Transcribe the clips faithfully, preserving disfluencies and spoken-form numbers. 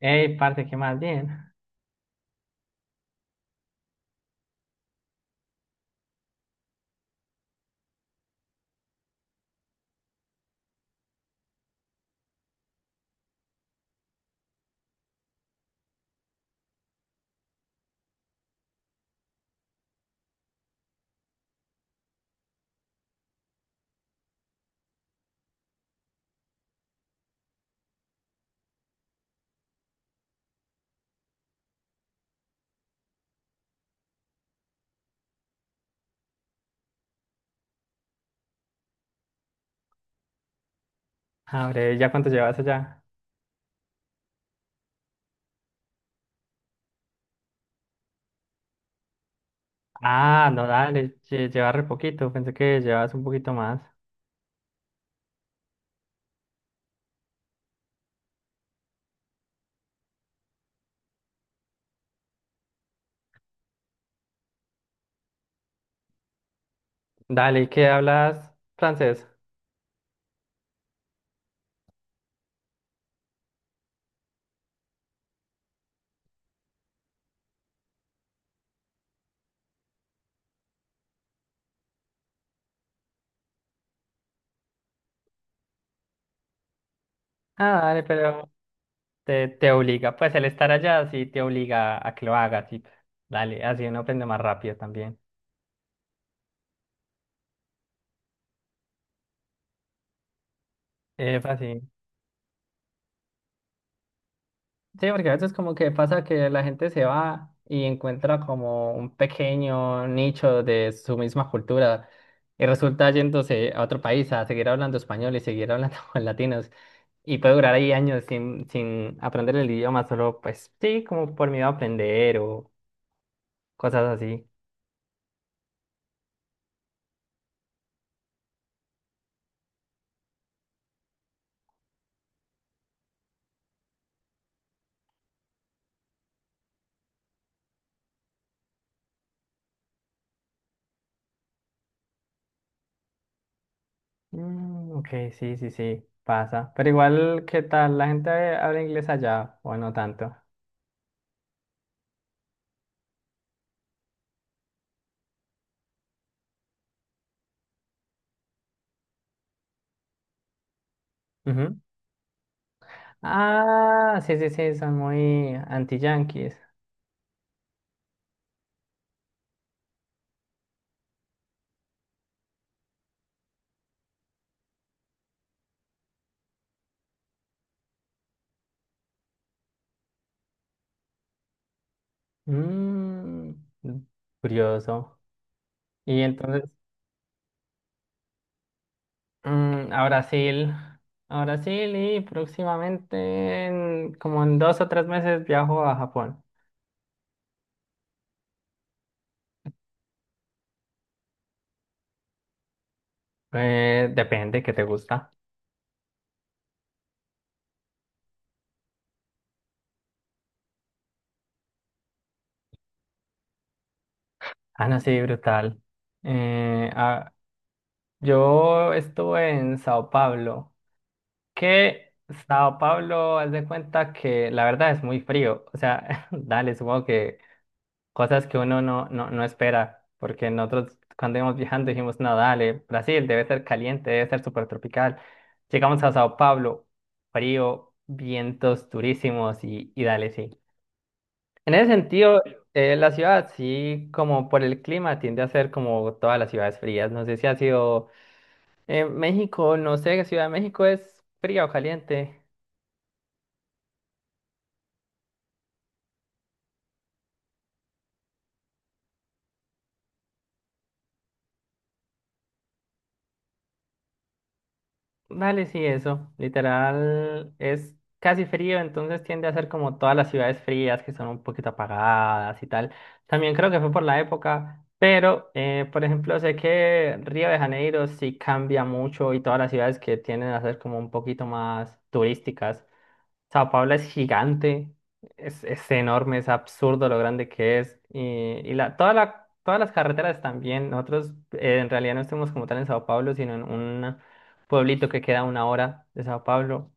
Ey, parce, qué más bien. Abre, ¿ya cuánto llevas allá? Ah, no, dale, lle- llevas re poquito, pensé que llevas un poquito más. Dale, ¿y qué hablas francés? Ah, dale, pero te, te obliga, pues el estar allá sí te obliga a que lo hagas, y dale, así uno aprende más rápido también. Eh, fácil. Sí, porque a veces como que pasa que la gente se va y encuentra como un pequeño nicho de su misma cultura y resulta yéndose a otro país a seguir hablando español y seguir hablando con latinos. Y puede durar ahí años sin, sin aprender el idioma, solo pues sí, como por miedo a aprender o cosas así. Mm, ok, sí, sí, sí, pasa. Pero igual, ¿qué tal? ¿La gente habla inglés allá o no tanto? Ujú. Ah, sí, sí, sí, son muy anti-yanquis. Mm, Curioso. Y entonces, mm, a Brasil, a Brasil y próximamente, en- como en dos o tres meses, viajo a Japón. Eh, depende, ¿qué te gusta? Ah, no, sí, brutal. Eh, ah, yo estuve en Sao Paulo, que Sao Paulo, haz de cuenta que la verdad es muy frío. O sea, dale, supongo que cosas que uno no, no, no espera, porque nosotros cuando íbamos viajando dijimos, no, dale, Brasil debe ser caliente, debe ser súper tropical. Llegamos a Sao Paulo, frío, vientos durísimos y, y dale, sí. En ese sentido, eh, la ciudad sí, como por el clima, tiende a ser como todas las ciudades frías. No sé si ha sido eh, México, no sé, Ciudad de México es fría o caliente. Dale, sí, eso. Literal, es casi frío, entonces tiende a ser como todas las ciudades frías que son un poquito apagadas y tal. También creo que fue por la época, pero, eh, por ejemplo, sé que Río de Janeiro sí cambia mucho y todas las ciudades que tienden a ser como un poquito más turísticas. Sao Paulo es gigante, es, es enorme, es absurdo lo grande que es. Y, y la, toda la, todas las carreteras también. Nosotros eh, en realidad no estamos como tal en Sao Paulo, sino en un pueblito que queda a una hora de Sao Paulo.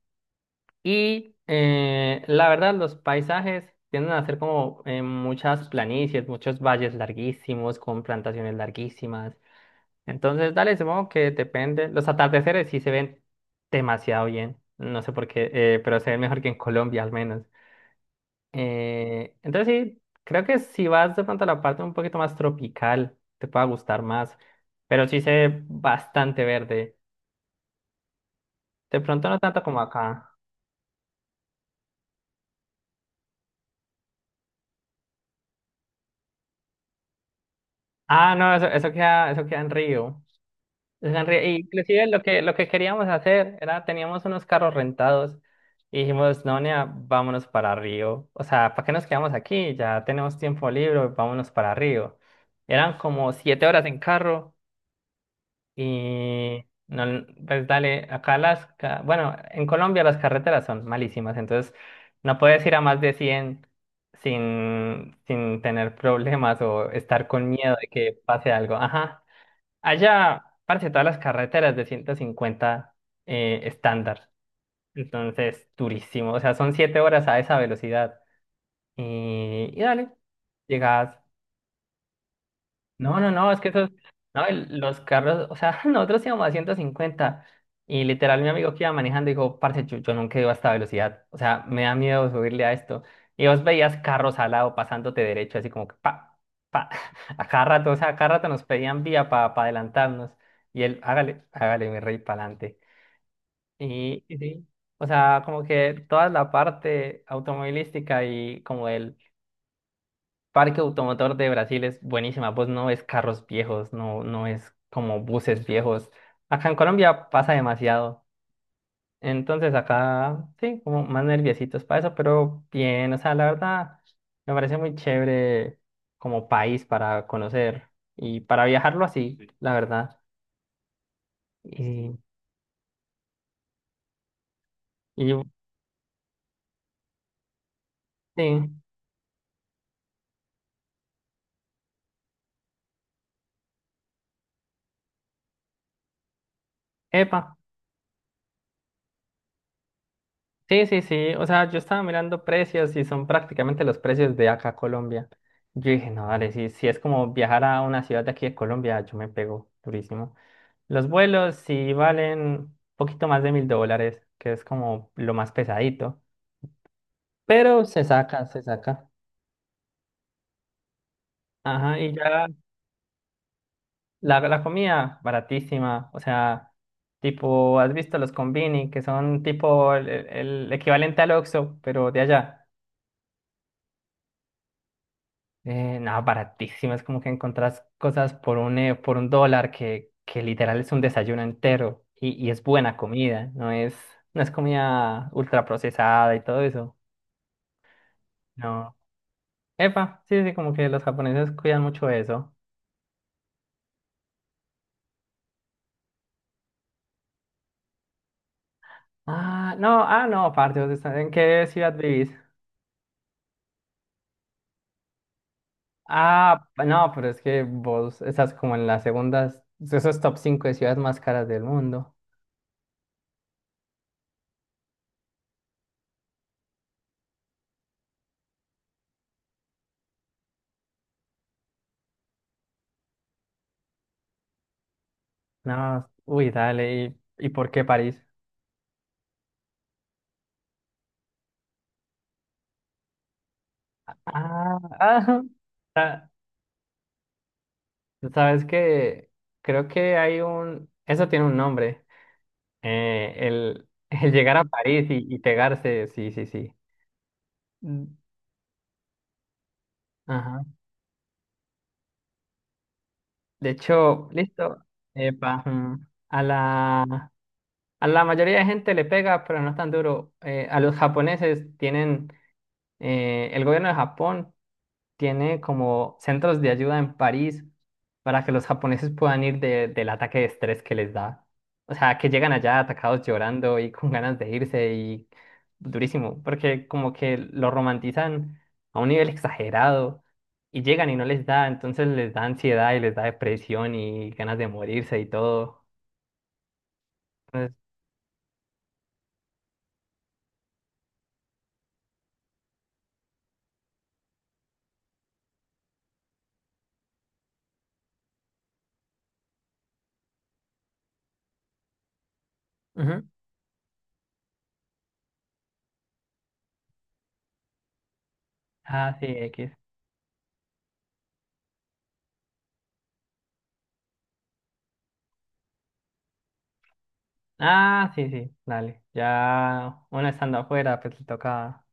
Y eh, la verdad, los paisajes tienden a ser como eh, muchas planicies, muchos valles larguísimos, con plantaciones larguísimas. Entonces, dale, supongo que depende. Los atardeceres sí se ven demasiado bien. No sé por qué, eh, pero se ven mejor que en Colombia al menos. Eh, entonces sí, creo que si vas de pronto a la parte un poquito más tropical, te pueda gustar más. Pero sí se ve bastante verde. De pronto no tanto como acá. Ah, no, eso, eso queda, eso queda en Río. Es en re- inclusive lo que, lo que queríamos hacer era, teníamos unos carros rentados y dijimos, no, nea, vámonos para Río. O sea, ¿para qué nos quedamos aquí? Ya tenemos tiempo libre, vámonos para Río. Eran como siete horas en carro y, no, pues dale, acá las, ca- bueno, en Colombia las carreteras son malísimas, entonces no puedes ir a más de cien sin, sin tener problemas o estar con miedo de que pase algo. Ajá. Allá, parece todas las carreteras de ciento cincuenta eh, estándar. Entonces, durísimo. O sea, son siete horas a esa velocidad. Y, y dale, llegas no, no, no, es que esos, no, el- los carros, o sea, nosotros íbamos a ciento cincuenta y literal mi amigo que iba manejando dijo, parce, yo, yo nunca iba a esta velocidad, o sea, me da miedo subirle a esto. Y vos veías carros al lado pasándote derecho, así como que pa, pa, a cada rato, o sea, a cada rato nos pedían vía para adelantarnos y él, hágale, hágale mi rey, para adelante. Y, y sí, o sea, como que toda la parte automovilística y como el Parque Automotor de Brasil es buenísima, pues no es carros viejos, no, no es como buses viejos. Acá en Colombia pasa demasiado. Entonces acá sí, como más nerviositos para eso, pero bien, o sea, la verdad me parece muy chévere como país para conocer y para viajarlo así, sí, la verdad. Y, y sí, epa. Sí, sí, sí. O sea, yo estaba mirando precios y son prácticamente los precios de acá, Colombia. Yo dije, no, dale, si, si es como viajar a una ciudad de aquí de Colombia, yo me pego durísimo. Los vuelos sí valen un poquito más de mil dólares, que es como lo más pesadito. Pero se saca, se saca. Ajá, y ya la, la comida baratísima. O sea, tipo, ¿has visto los combini, que son tipo el, el- el equivalente al Oxxo, pero de allá? Eh, no, baratísimo. Es como que encontrás cosas por un, eh, por un dólar que, que literal es un desayuno entero y, y es buena comida. No es, no es comida ultra procesada y todo eso. No. Epa, sí, sí, como que los japoneses cuidan mucho eso. Ah, no, ah, no, parte, ¿vos estás- en qué ciudad vivís? Ah, no, pero es que vos estás como en las segundas, esos top cinco de ciudades más caras del mundo. No, uy, dale, ¿y, y por qué París? Ah, ah, sabes que creo que hay un, eso tiene un nombre, eh, el, el llegar a París y, y pegarse, sí, sí, sí. Mm. Ajá. De hecho, listo, epa, mm. A la, a la mayoría de gente le pega, pero no es tan duro. Eh, a los japoneses tienen, eh, el gobierno de Japón tiene como centros de ayuda en París para que los japoneses puedan ir de- del ataque de estrés que les da. O sea, que llegan allá atacados llorando y con ganas de irse y durísimo, porque como que lo romantizan a un nivel exagerado y llegan y no les da, entonces les da ansiedad y les da depresión y ganas de morirse y todo. Entonces, ujú. Ah, sí, X. Ah, sí, sí, dale. Ya uno estando afuera, pues le toca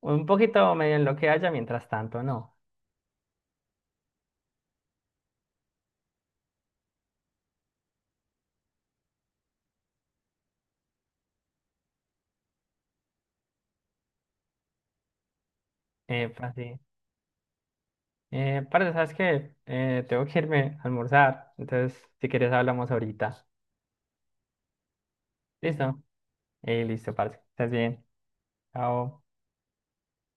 un poquito medio en lo que haya, mientras tanto, no. Eh, pues sí. Eh, parce, ¿sabes qué? Eh, tengo que irme a almorzar. Entonces, si quieres, hablamos ahorita. ¿Listo? Eh, listo, parce. Estás bien. Chao.